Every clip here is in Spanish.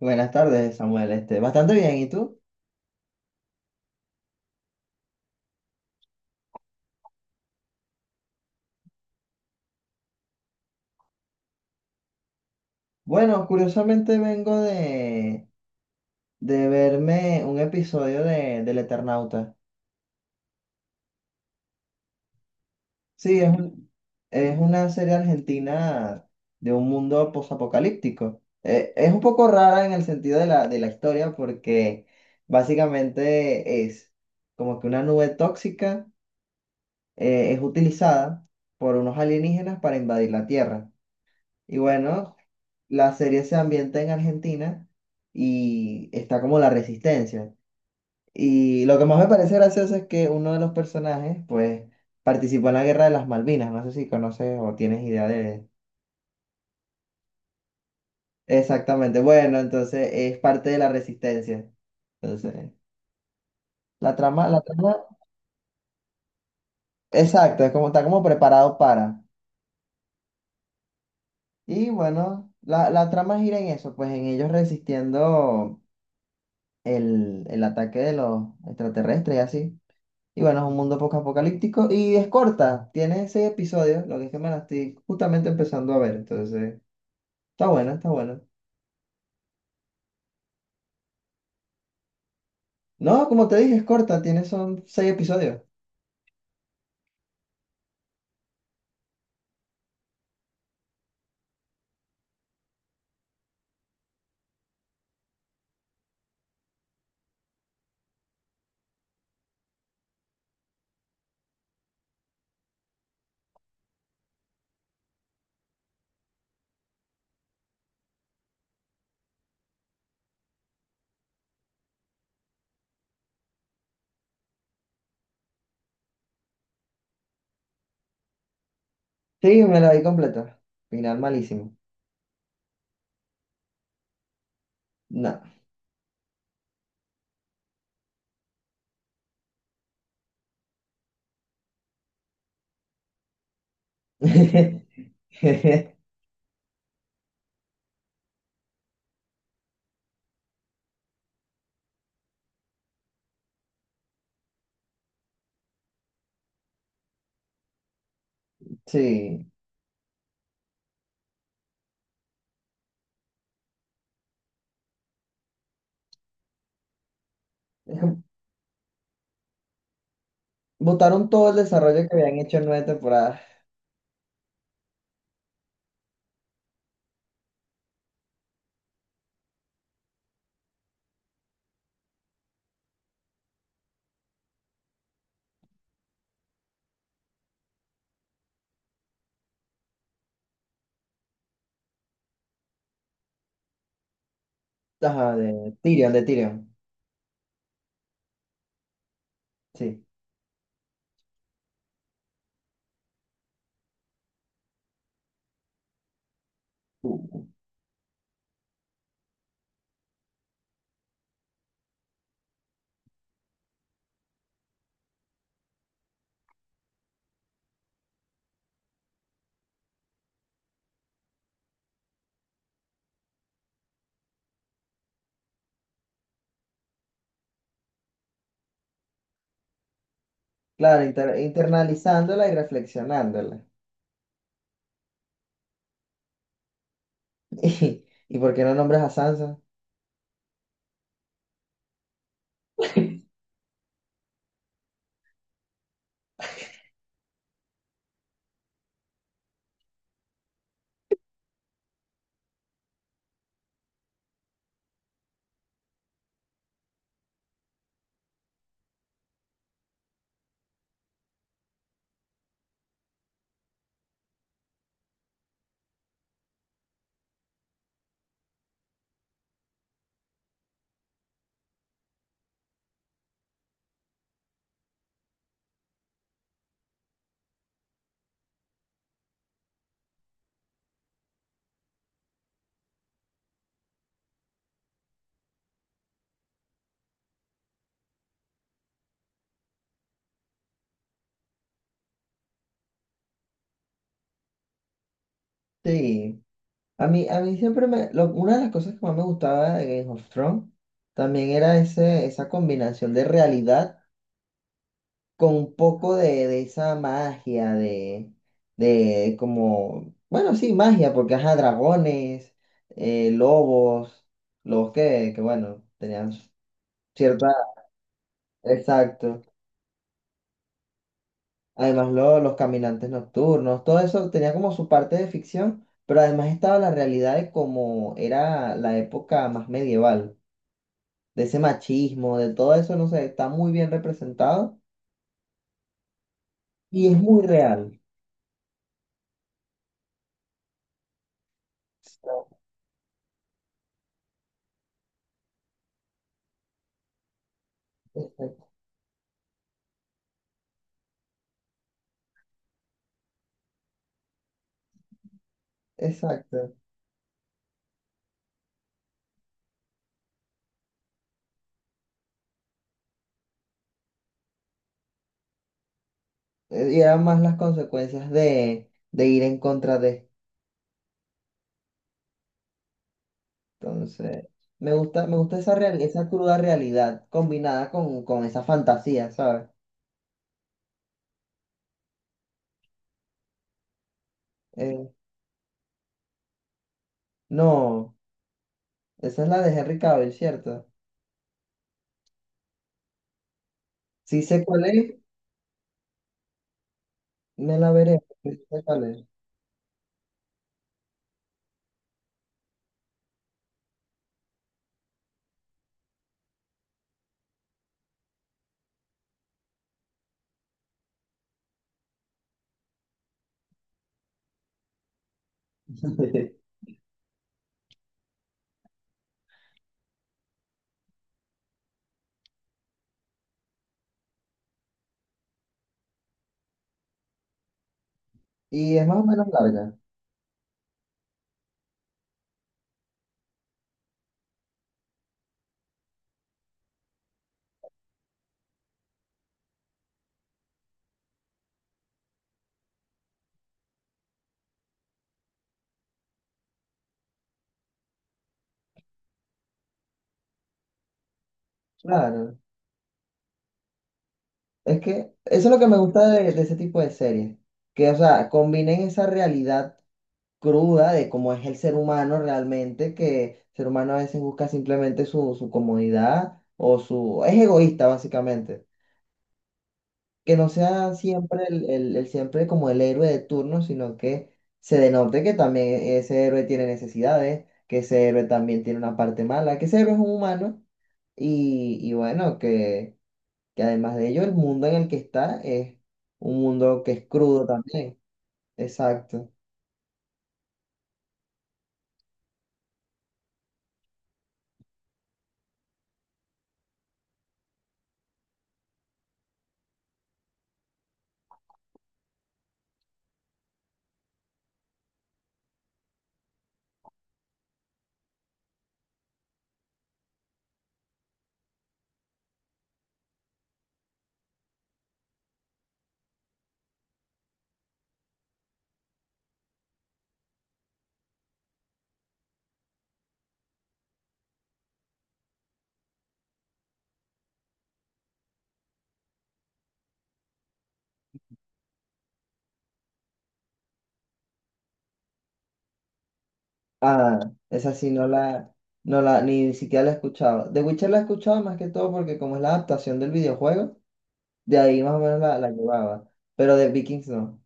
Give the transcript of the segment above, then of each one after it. Buenas tardes, Samuel. Bastante bien, ¿y tú? Bueno, curiosamente vengo de verme un episodio del Eternauta. Sí, es una serie argentina de un mundo posapocalíptico. Es un poco rara en el sentido de de la historia porque básicamente es como que una nube tóxica es utilizada por unos alienígenas para invadir la Tierra. Y bueno, la serie se ambienta en Argentina y está como la resistencia. Y lo que más me parece gracioso es que uno de los personajes, pues, participó en la Guerra de las Malvinas. No sé si conoces o tienes idea de... Exactamente. Bueno, entonces es parte de la resistencia. Entonces, la trama, exacto, es como está como preparado para. Y bueno, la trama gira en eso, pues en ellos resistiendo el ataque de los extraterrestres y así. Y bueno, es un mundo poco apocalíptico y es corta, tiene 6 episodios, lo que es que me la estoy justamente empezando a ver, entonces está buena. No, como te dije, es corta, tiene son 6 episodios. Sí, me la vi completa. Final malísimo. No. Sí. Botaron todo el desarrollo que habían hecho en 9 temporadas. Ajá, de Tyrion. Sí. Uh, claro, internalizándola y reflexionándola. ¿Y por qué no nombres a Sansa? Sí. A mí siempre me... una de las cosas que más me gustaba de Game of Thrones también era esa combinación de realidad con un poco de esa magia, de como... Bueno, sí, magia, porque ajá, dragones, lobos, bueno, tenían cierta... Exacto. Además, los caminantes nocturnos, todo eso tenía como su parte de ficción, pero además estaba la realidad de cómo era la época más medieval, de ese machismo, de todo eso, no sé, está muy bien representado y es muy real. Exacto. Exacto. Y eran más las consecuencias de ir en contra de. Entonces, me gusta esa real, esa cruda realidad combinada con esa fantasía, ¿sabes? Eh, no, esa es la de Henry Cavill, ¿cierto? Si sé cuál es, me la veré. Sí sé cuál es. Y es más o menos larga. Claro. Es que eso es lo que me gusta de ese tipo de series, que, o sea, combinen esa realidad cruda de cómo es el ser humano realmente, que el ser humano a veces busca simplemente su comodidad o su... es egoísta básicamente, que no sea siempre el siempre como el héroe de turno, sino que se denote que también ese héroe tiene necesidades, que ese héroe también tiene una parte mala, que ese héroe es un humano. Y bueno, que además de ello el mundo en el que está es un mundo que es crudo también. Exacto. Ah, esa sí no la, ni siquiera la he escuchado. The Witcher la he escuchado más que todo porque como es la adaptación del videojuego, de ahí más o menos la llevaba, pero de Vikings no.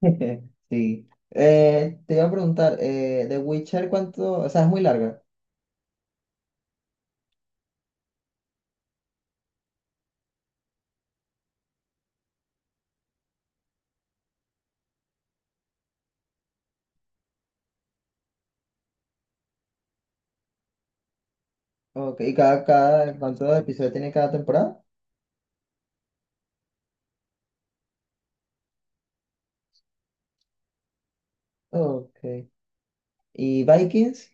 Sí. Te iba a preguntar, The Witcher cuánto, o sea, es muy larga. Okay. ¿Y cuántos episodios tiene cada temporada? Ok. ¿Y Vikings?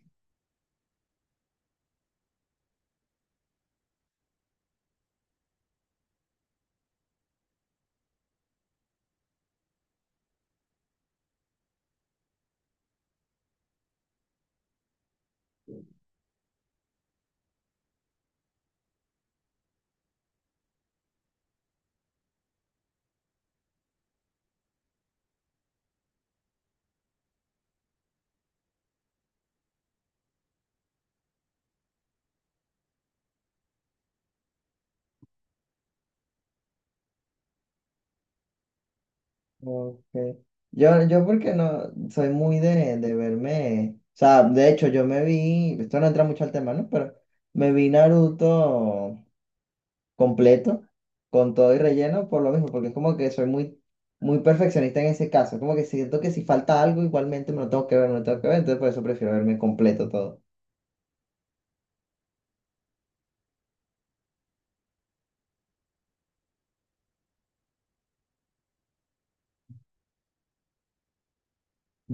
Ok. Yo porque no soy muy de verme, o sea, de hecho yo me vi, esto no entra mucho al tema, ¿no? Pero me vi Naruto completo, con todo y relleno, por lo mismo, porque es como que soy muy, muy perfeccionista en ese caso, como que siento que si falta algo, igualmente me lo tengo que ver, me lo tengo que ver, entonces por eso prefiero verme completo todo.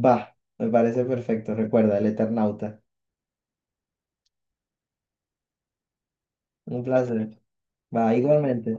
Va, me parece perfecto, recuerda, el Eternauta. Un placer. Va, igualmente.